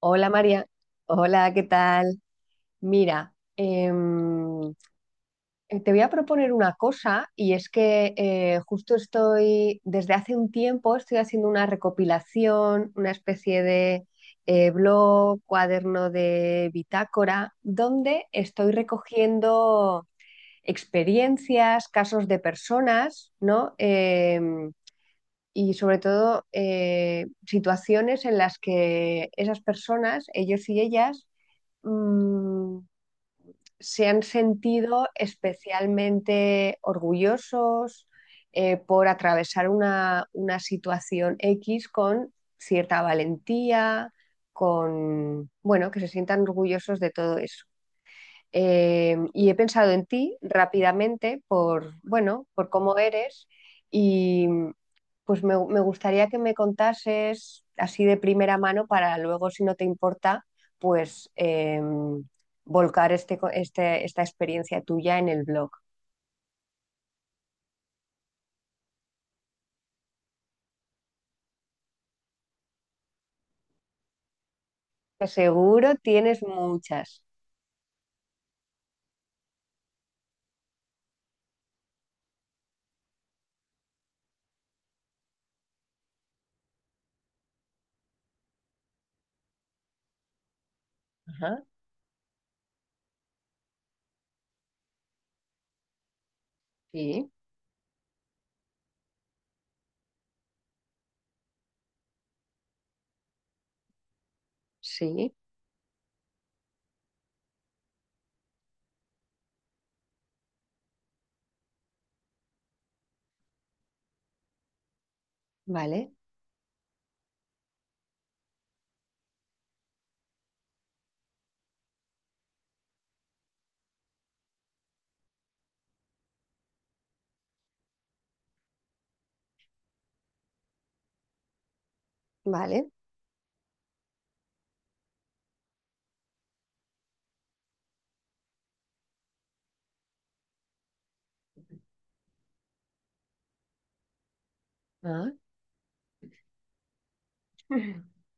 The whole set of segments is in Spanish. Hola María, hola, ¿qué tal? Mira, te voy a proponer una cosa y es que justo estoy, desde hace un tiempo estoy haciendo una recopilación, una especie de blog, cuaderno de bitácora, donde estoy recogiendo experiencias, casos de personas, ¿no? Y sobre todo situaciones en las que esas personas, ellos y ellas, mm, se han sentido especialmente orgullosos por atravesar una situación X con cierta valentía, bueno, que se sientan orgullosos de todo eso. Y he pensado en ti rápidamente bueno, por cómo eres y pues me gustaría que me contases así de primera mano para luego, si no te importa, pues volcar esta experiencia tuya en el blog. Que seguro tienes muchas. Ajá, sí, sí, vale, vale. Ah.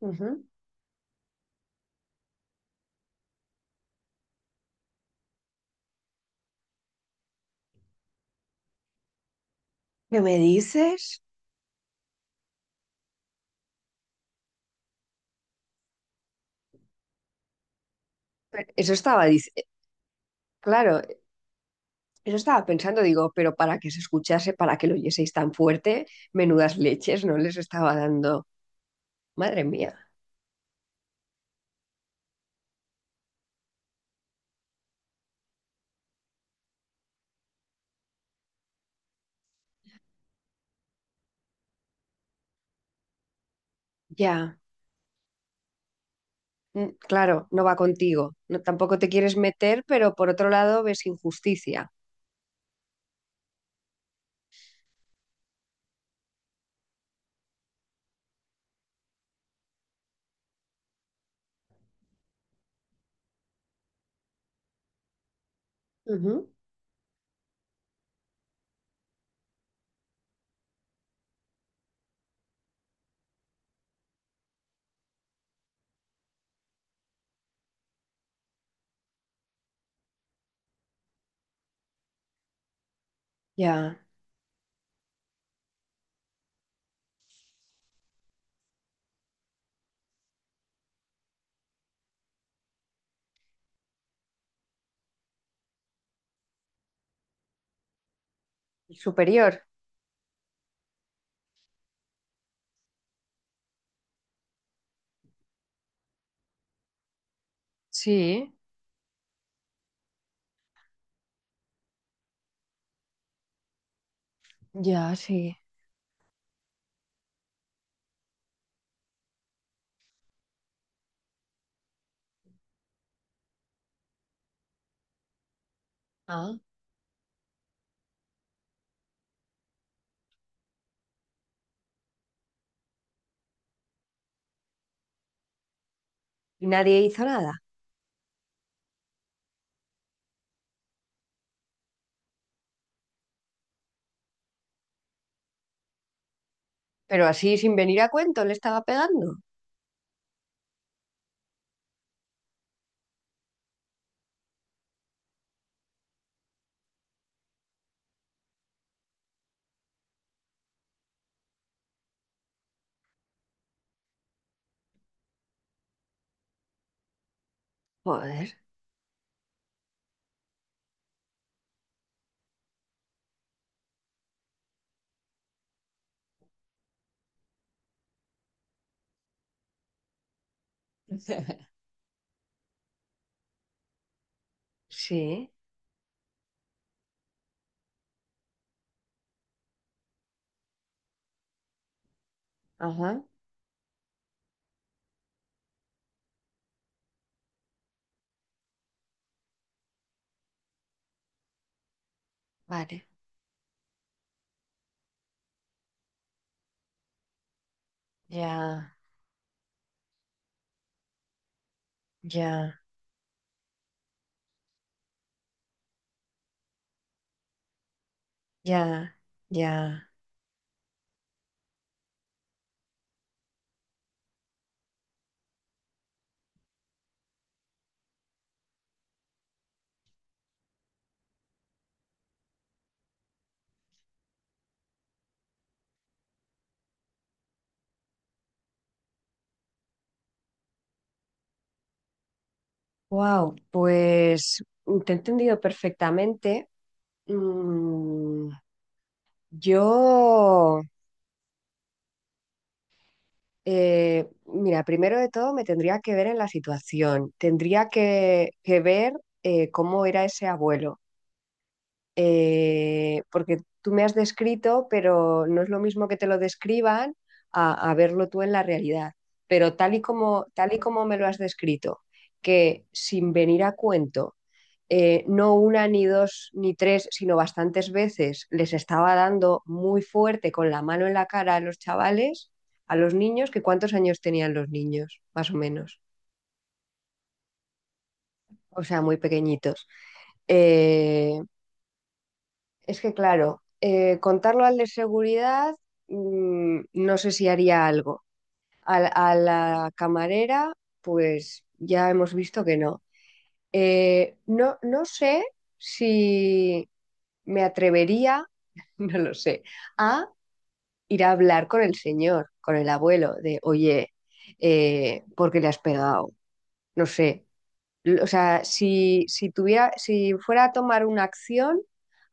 Ujú. ¿Qué me dices? Pero eso estaba, claro, eso estaba pensando, digo, pero para que se escuchase, para que lo oyeseis tan fuerte, menudas leches no les estaba dando. Madre mía. Ya. Claro, no va contigo. No, tampoco te quieres meter, pero por otro lado ves injusticia. Ujú. Ya. Superior. Sí, ya, sí. Ah. Y nadie hizo nada. Pero así, sin venir a cuento, le estaba pegando. Joder. Sí. Ajá. Vale. Ya, ya, ya, ya. Wow, pues te he entendido perfectamente. Mm, yo. Mira, primero de todo me tendría que ver en la situación, tendría que ver cómo era ese abuelo. Porque tú me has descrito, pero no es lo mismo que te lo describan a verlo tú en la realidad. Pero tal y como me lo has descrito, que sin venir a cuento no una, ni dos, ni tres, sino bastantes veces les estaba dando muy fuerte con la mano en la cara a los chavales, a los niños, que cuántos años tenían los niños, más o menos, o sea, muy pequeñitos. Eh, es que claro, contarlo al de seguridad, no sé si haría algo. A, a la camarera, pues ya hemos visto que no. No, no sé si me atrevería, no lo sé, a ir a hablar con el señor, con el abuelo, de, oye, ¿por qué le has pegado? No sé, o sea, si tuviera, si fuera a tomar una acción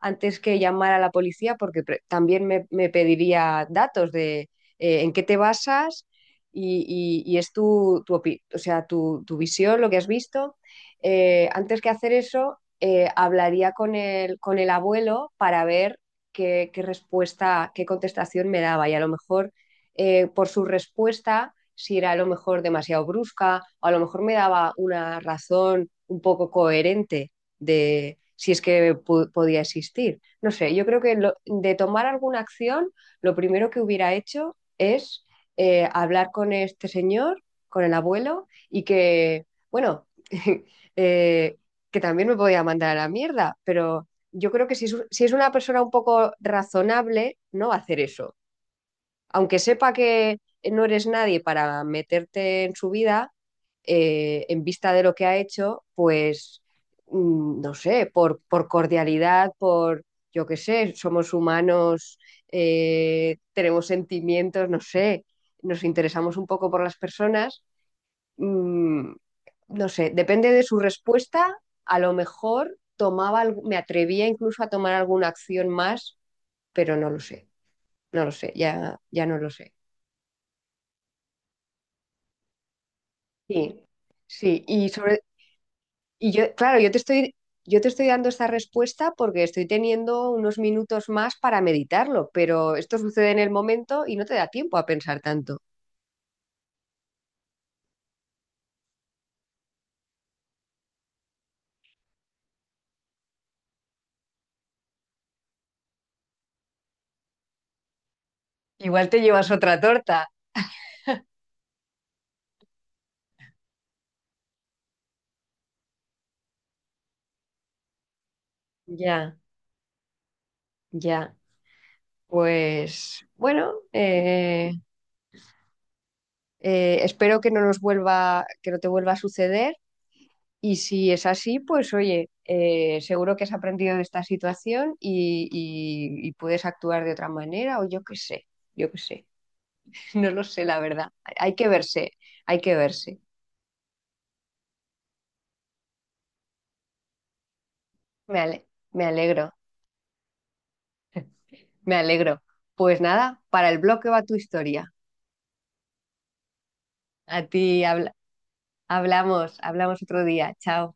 antes que llamar a la policía, porque también me pediría datos de en qué te basas y, y es o sea, tu visión, lo que has visto. Antes que hacer eso, hablaría con el abuelo para ver qué respuesta, qué contestación me daba. Y a lo mejor por su respuesta, si era a lo mejor demasiado brusca o a lo mejor me daba una razón un poco coherente de si es que podía existir. No sé, yo creo que lo, de tomar alguna acción, lo primero que hubiera hecho es hablar con este señor, con el abuelo, y que, bueno, eh, que también me podía mandar a la mierda, pero yo creo que si es una persona un poco razonable, no va a hacer eso aunque sepa que no eres nadie para meterte en su vida. En vista de lo que ha hecho, pues no sé, por cordialidad, por yo qué sé, somos humanos, tenemos sentimientos, no sé, nos interesamos un poco por las personas. mm, no sé, depende de su respuesta, a lo mejor tomaba, me atrevía incluso a tomar alguna acción más, pero no lo sé, no lo sé, ya, ya no lo sé. Sí, sí, y yo, claro, yo te estoy dando esta respuesta porque estoy teniendo unos minutos más para meditarlo, pero esto sucede en el momento y no te da tiempo a pensar tanto. Igual te llevas otra torta. Ya, ya. Pues bueno, espero que no nos vuelva, que no te vuelva a suceder. Y si es así, pues oye, seguro que has aprendido de esta situación y, puedes actuar de otra manera, o yo qué sé, yo qué sé. No lo sé, la verdad. Hay que verse, hay que verse. Me ale- Me alegro, me alegro. Pues nada, para el bloque va tu historia. A ti habla- Hablamos, hablamos otro día. Chao.